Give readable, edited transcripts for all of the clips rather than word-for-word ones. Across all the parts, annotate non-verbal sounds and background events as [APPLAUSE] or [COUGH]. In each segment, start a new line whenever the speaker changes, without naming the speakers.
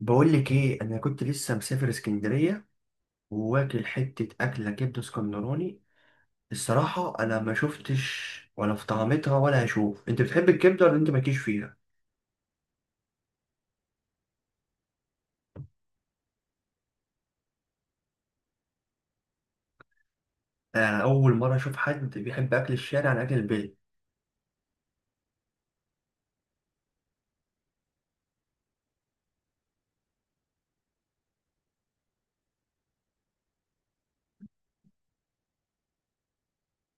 بقول لك ايه، انا كنت لسه مسافر اسكندريه وواكل حته اكله كبده اسكندراني. الصراحه انا ما شفتش ولا في طعمتها ولا هشوف. انت بتحب الكبده ولا انت مالكيش فيها؟ انا اول مره اشوف حد بيحب اكل الشارع عن اكل البيت.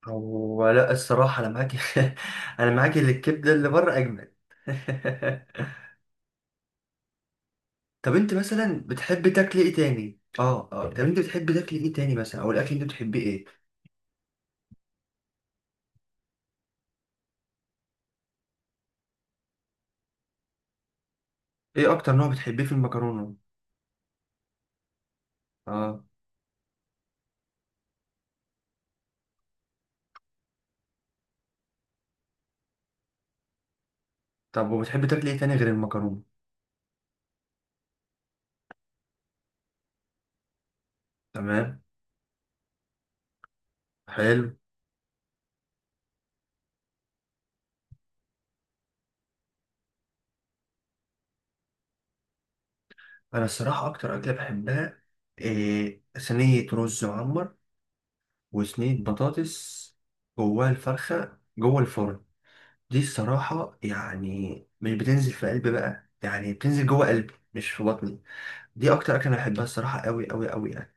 هو لا، الصراحه انا معاك. [LAUGHS] انا معاك إن الكبده اللي بره اجمل. [LAUGHS] طب انت مثلا بتحب تاكل ايه تاني؟ اه طب انت بتحب تاكل ايه تاني مثلا، او الاكل اللي انت بتحبيه ايه؟ ايه اكتر نوع بتحبيه في المكرونه؟ اه. طب وبتحب تاكل ايه تاني غير المكرونة؟ تمام. حلو. انا الصراحة اكتر اكلة بحبها إيه؟ صينية رز معمر وصينية بطاطس جواها الفرخة جوه الفرن. دي الصراحة يعني مش بتنزل في قلبي بقى، يعني بتنزل جوه قلبي مش في بطني. دي اكتر اكلة انا بحبها الصراحة، قوي قوي قوي يعني.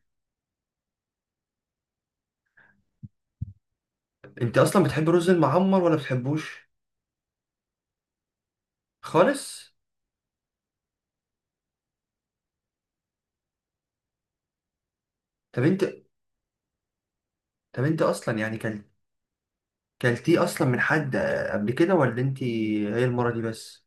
انت اصلا بتحب الرز المعمر ولا بتحبوش؟ خالص. طب انت طب انت اصلا يعني كلت، كلتيه اصلا من حد قبل كده ولا انت هي المرة دي بس؟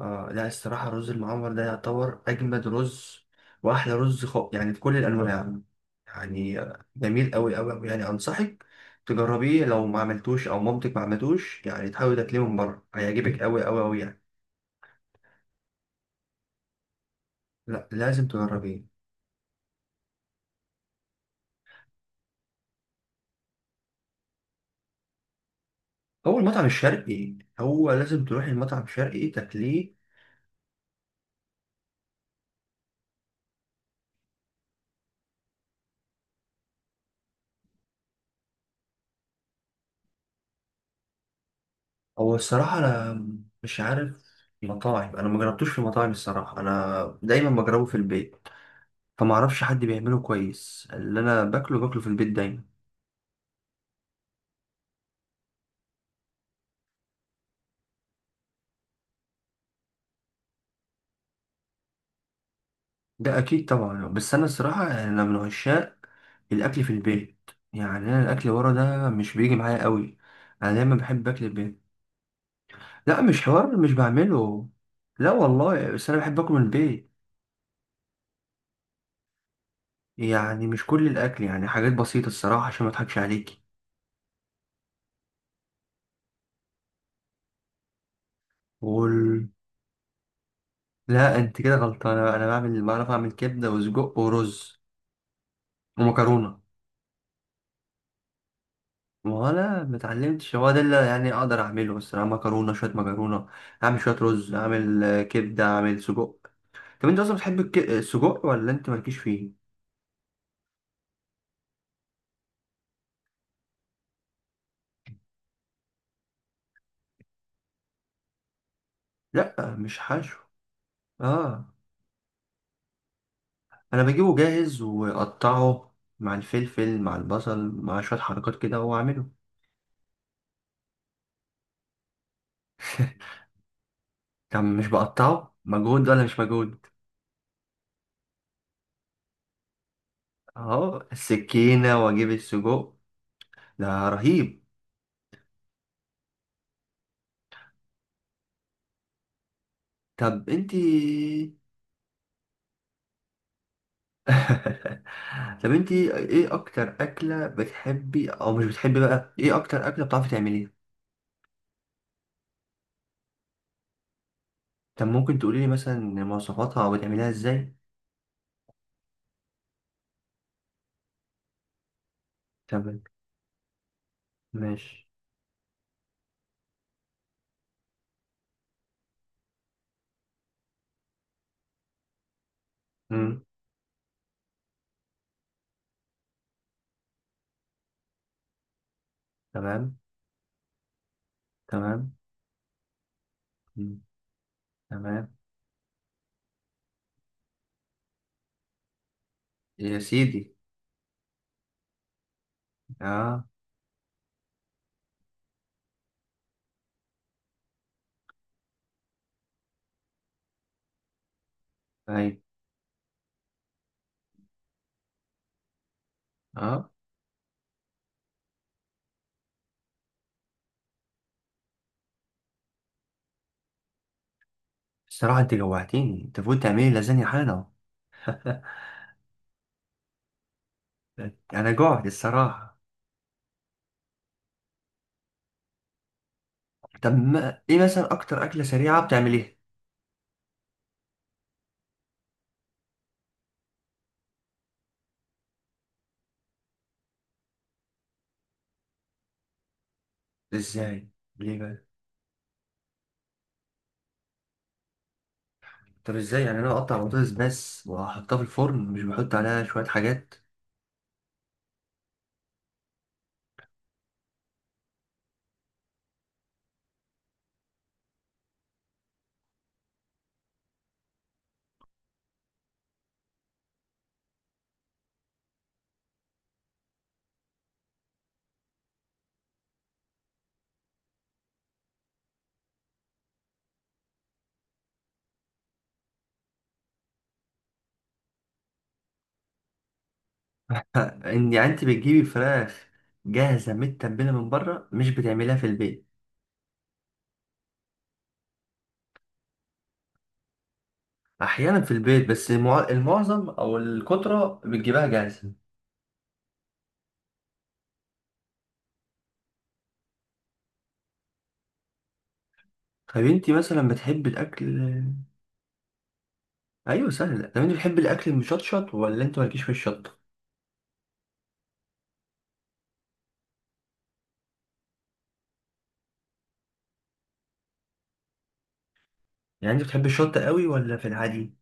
اه لا، الصراحة الرز المعمر ده يعتبر أجمد رز وأحلى رز يعني في كل الأنواع، يعني جميل أوي أوي أوي يعني. أنصحك تجربيه لو ما عملتوش أو مامتك ما عملتوش، يعني تحاول تاكليه من بره هيعجبك أوي أوي أوي يعني. لا لازم تجربيه. هو المطعم الشرقي، هو لازم تروح المطعم الشرقي تاكليه. هو الصراحة أنا مش عارف مطاعم، أنا ما جربتوش في مطاعم الصراحة، أنا دايما بجربه في البيت. فما اعرفش حد بيعمله كويس، اللي انا باكله في البيت دايما. ده اكيد طبعا، بس انا الصراحه انا من عشاق الاكل في البيت، يعني انا الاكل ورا ده مش بيجي معايا قوي. انا دايما بحب اكل البيت. لا، مش حوار مش بعمله. لا والله، بس انا بحب اكل من البيت. يعني مش كل الاكل، يعني حاجات بسيطه الصراحه عشان ما اضحكش عليكي. وال... لا انت كده غلطانه، انا بعرف اعمل كبده وسجق ورز ومكرونه. وانا متعلمتش، هو ده اللي يعني اقدر اعمله الصراحه. مكرونه، شويه مكرونه. اعمل شويه رز، اعمل كبده، اعمل سجق. طب انت اصلا بتحب السجق ولا انت مالكيش فيه؟ لا مش حشو. اه. انا بجيبه جاهز، واقطعه مع الفلفل مع البصل مع شويه حركات كده واعمله. [LAUGHS] طب مش بقطعه مجهود ولا مش مجهود؟ اهو السكينه واجيب السجق. ده رهيب. طب انتي. [LAUGHS] طب انتي ايه اكتر اكله بتحبي او مش بتحبي، بقى ايه اكتر اكله بتعرفي تعمليها؟ طب ممكن تقولي لي مثلا مواصفاتها او بتعمليها ازاي؟ تمام. ماشي. مم. تمام. تمام. مم. تمام. يا سيدي. اه. اي. اه. الصراحة انت جوعتيني، انت فوت تعملي لازانيا حالا اهو. [LAUGHS] انا جوعت الصراحة. طب ما ايه مثلا اكتر اكلة سريعة بتعمليها؟ ازاي؟ ليه بقى؟ طب ازاي يعني انا اقطع بطاطس بس واحطها في الفرن، مش بحط عليها شوية حاجات؟ [LAUGHS] ان يعني انت بتجيبي فراخ جاهزة متبلة من بره، مش بتعمليها في البيت؟ احيانا في البيت، بس المعظم او الكترة بتجيبها جاهزة. طب انت مثلا بتحب الاكل. ايوه سهل. طب انت بتحب الاكل المشطشط ولا انت مالكيش في الشطه؟ يعني انت بتحب الشطه قوي ولا في العادي؟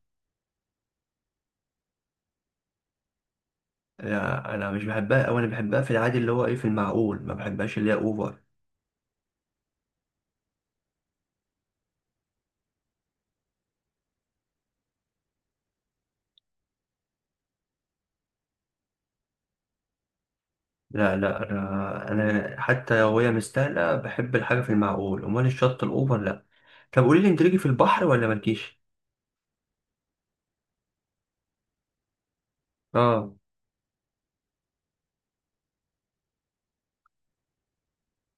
لا انا مش بحبها، او انا بحبها في العادي اللي هو ايه في المعقول، ما بحبهاش اللي هي اوفر. لا لا، انا حتى لو هي مستاهله بحب الحاجه في المعقول، امال الشطه الاوفر لا. طب قولي لي انت ليكي في البحر ولا مالكيش؟ اه.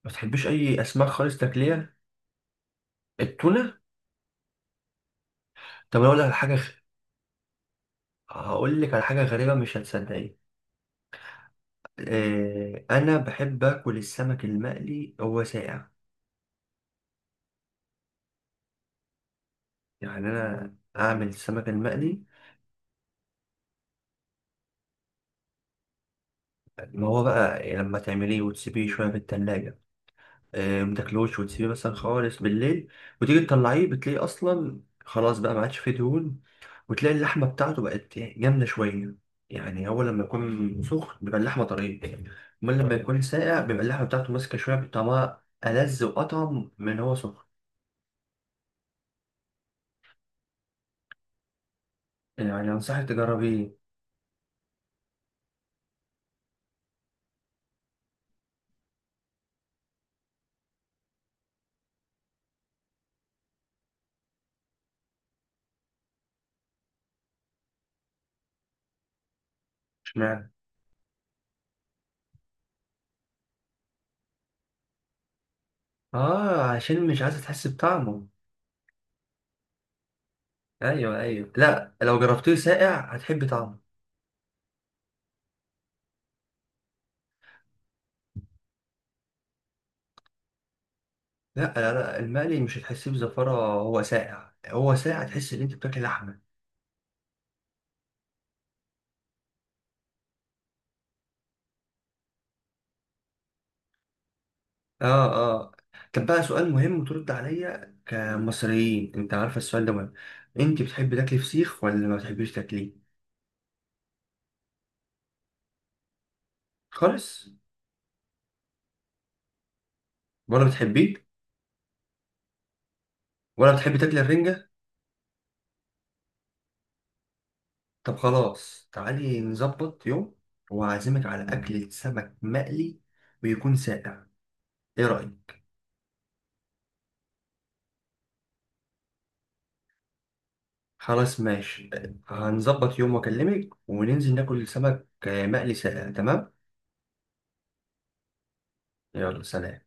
ما بتحبيش اي اسماك خالص تاكليها؟ التونه؟ طب انا اقول لك على حاجه، هقول لك على حاجه غريبه مش هتصدقيها. انا بحب اكل السمك المقلي هو ساقع. يعني انا اعمل السمك المقلي، ما هو بقى يعني لما تعمليه وتسيبيه شويه في التلاجة، ما تاكلوش وتسيبيه مثلا خالص بالليل، وتيجي تطلعيه بتلاقيه اصلا خلاص بقى ما عادش فيه دهون، وتلاقي اللحمه بتاعته بقت جامده شويه. يعني هو لما يكون سخن بيبقى اللحمه طريه، امال لما يكون ساقع بيبقى اللحمه بتاعته ماسكه شويه، بطعمها ألذ وأطعم من هو سخن. يعني أنصحك تجربيه. اه، عشان مش عايزة تحس بطعمه. ايوه ايوه، لا لو جربتيه ساقع هتحب طعمه. لا لا لا، المقلي مش هتحسيه بزفرة، هو ساقع هو ساقع تحس ان انت بتاكل لحمة. اه. اه. طب بقى سؤال مهم وترد عليا كمصريين، انت عارفة السؤال ده مهم. انت بتحبي تاكلي فسيخ ولا ما بتحبيش تاكليه؟ خالص. ولا بتحبيه. ولا بتحبي تاكلي الرنجة؟ طب خلاص تعالي نظبط يوم وأعزمك على أكلة سمك مقلي، ويكون ساقع، ايه رأيك؟ خلاص ماشي. هنظبط يوم واكلمك وننزل ناكل سمك مقلي ساقع، تمام. يلا سلام.